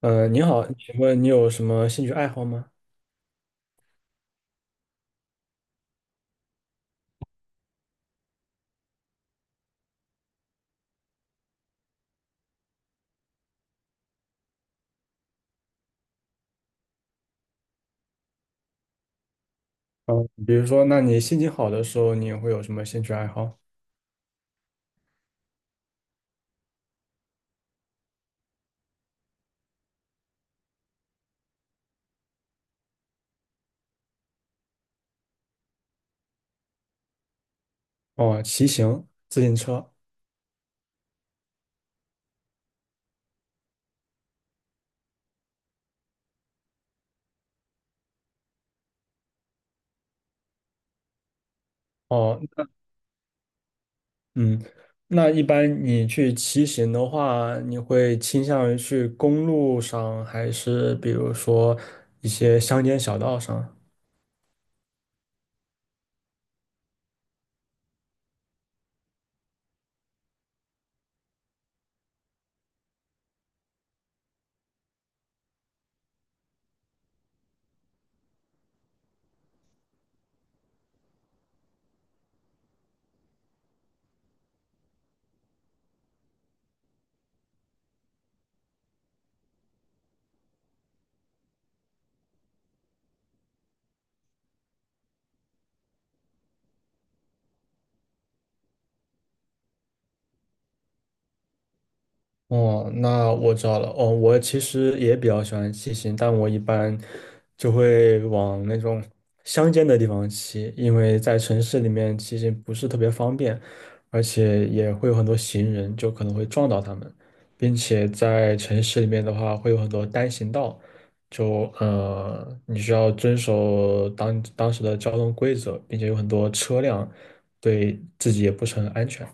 你好，请问你有什么兴趣爱好吗？嗯，比如说，那你心情好的时候，你会有什么兴趣爱好？哦，骑行、自行车。哦，那嗯，一般你去骑行的话，你会倾向于去公路上，还是比如说一些乡间小道上？哦，那我知道了。哦，我其实也比较喜欢骑行，但我一般就会往那种乡间的地方骑，因为在城市里面骑行不是特别方便，而且也会有很多行人，就可能会撞到他们，并且在城市里面的话，会有很多单行道，就你需要遵守当时的交通规则，并且有很多车辆，对自己也不是很安全。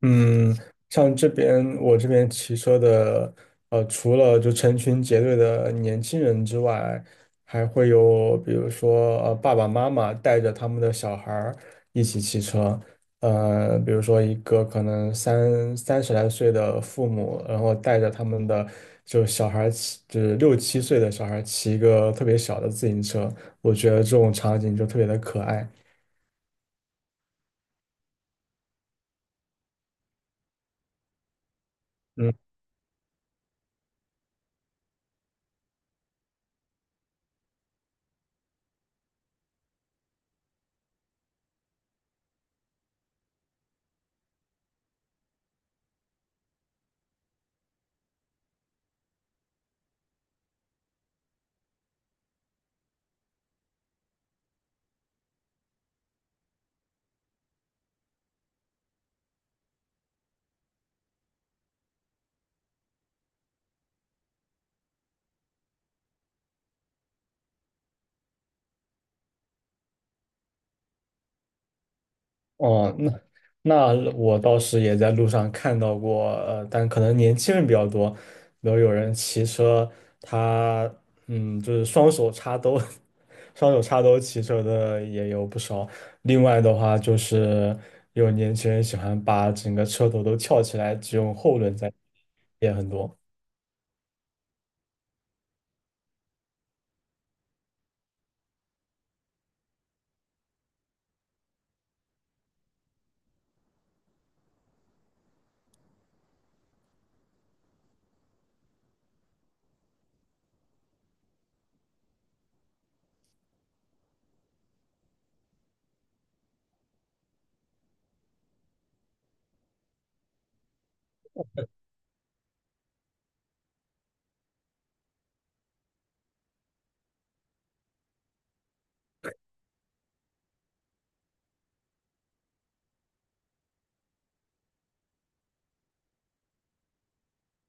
嗯，像我这边骑车的，除了就成群结队的年轻人之外，还会有比如说爸爸妈妈带着他们的小孩儿一起骑车，比如说一个可能三十来岁的父母，然后带着他们的就小孩儿骑，就是六七岁的小孩儿骑一个特别小的自行车，我觉得这种场景就特别的可爱。嗯。哦，那我倒是也在路上看到过，但可能年轻人比较多，比如有人骑车，他就是双手插兜，双手插兜骑车的也有不少。另外的话，就是有年轻人喜欢把整个车头都翘起来，只用后轮在，也很多。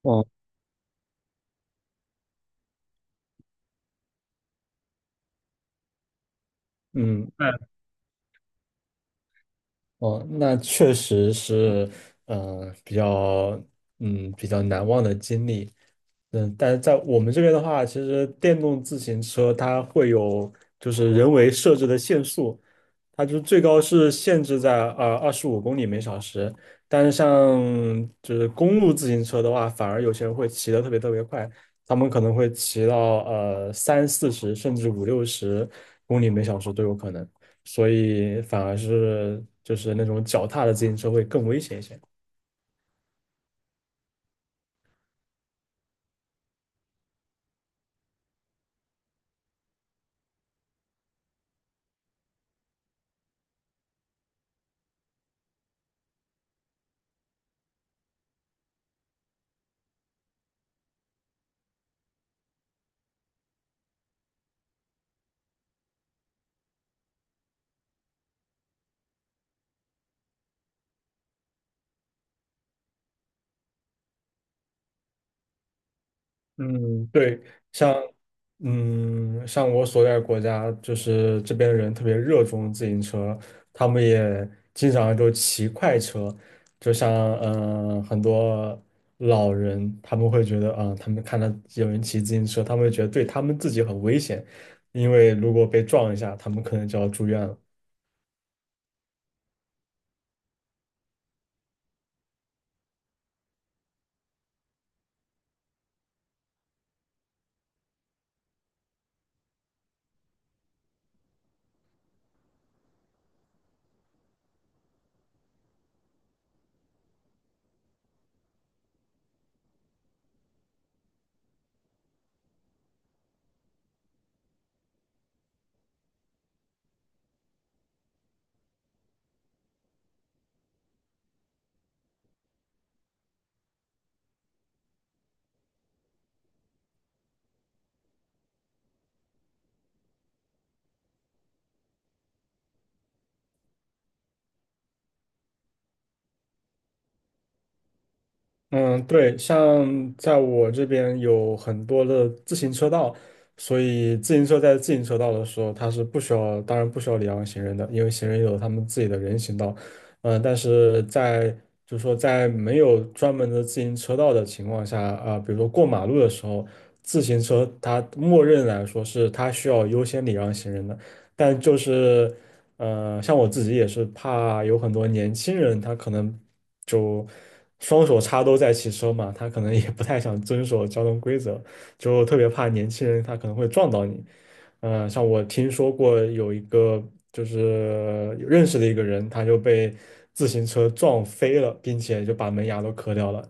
哦，嗯，哦，那确实是，比较，嗯，比较难忘的经历。嗯，但是在我们这边的话，其实电动自行车它会有就是人为设置的限速，它就是最高是限制在25公里每小时。但是像就是公路自行车的话，反而有些人会骑得特别特别快，他们可能会骑到三四十甚至五六十公里每小时都有可能。所以反而是就是那种脚踏的自行车会更危险一些。嗯，对，像像我所在的国家，就是这边的人特别热衷自行车，他们也经常就骑快车，就像很多老人，他们会觉得啊、他们看到有人骑自行车，他们会觉得对他们自己很危险，因为如果被撞一下，他们可能就要住院了。嗯，对，像在我这边有很多的自行车道，所以自行车在自行车道的时候，它是不需要，当然不需要礼让行人的，因为行人有他们自己的人行道。嗯、但是在就是说在没有专门的自行车道的情况下，啊、比如说过马路的时候，自行车它默认来说是它需要优先礼让行人的，但就是像我自己也是怕有很多年轻人他可能就。双手插兜在骑车嘛，他可能也不太想遵守交通规则，就特别怕年轻人他可能会撞到你。嗯、像我听说过有一个就是有认识的一个人，他就被自行车撞飞了，并且就把门牙都磕掉了，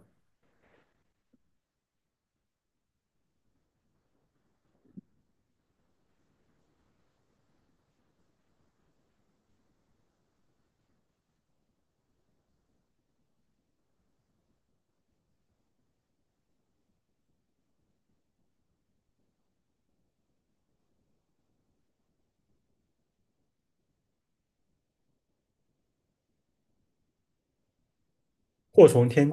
祸从天。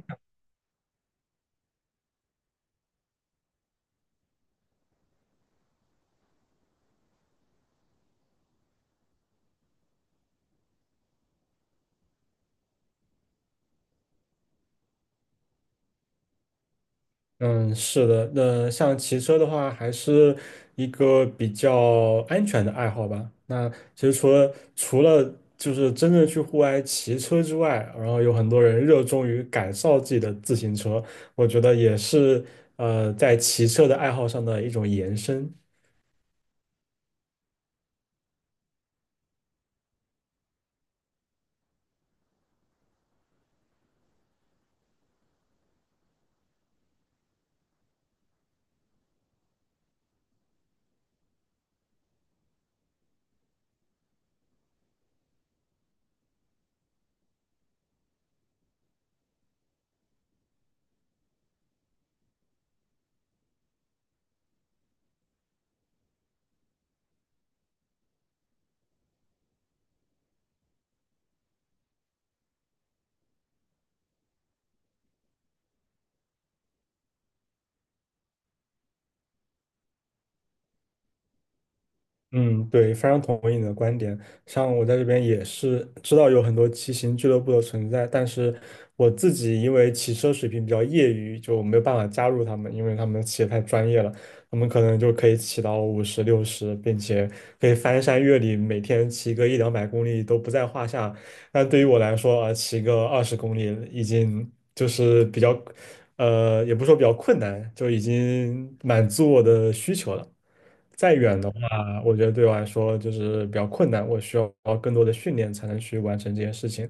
嗯，是的，那像骑车的话，还是一个比较安全的爱好吧。那其实除了就是真正去户外骑车之外，然后有很多人热衷于改造自己的自行车，我觉得也是在骑车的爱好上的一种延伸。嗯，对，非常同意你的观点。像我在这边也是知道有很多骑行俱乐部的存在，但是我自己因为骑车水平比较业余，就没有办法加入他们，因为他们骑得太专业了，他们可能就可以骑到50、60，并且可以翻山越岭，每天骑个一两百公里都不在话下。但对于我来说，啊，骑个20公里已经就是比较，也不是说比较困难，就已经满足我的需求了。再远的。啊，我觉得对我来说就是比较困难，我需要更多的训练才能去完成这件事情。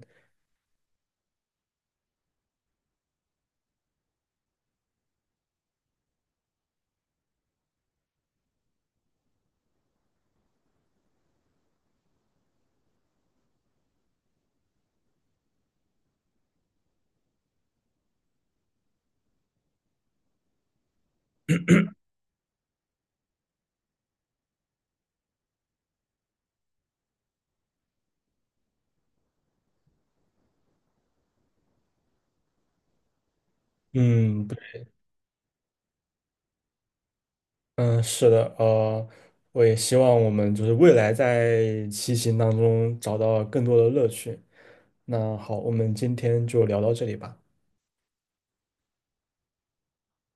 嗯，对，嗯，是的，我也希望我们就是未来在骑行当中找到更多的乐趣。那好，我们今天就聊到这里吧。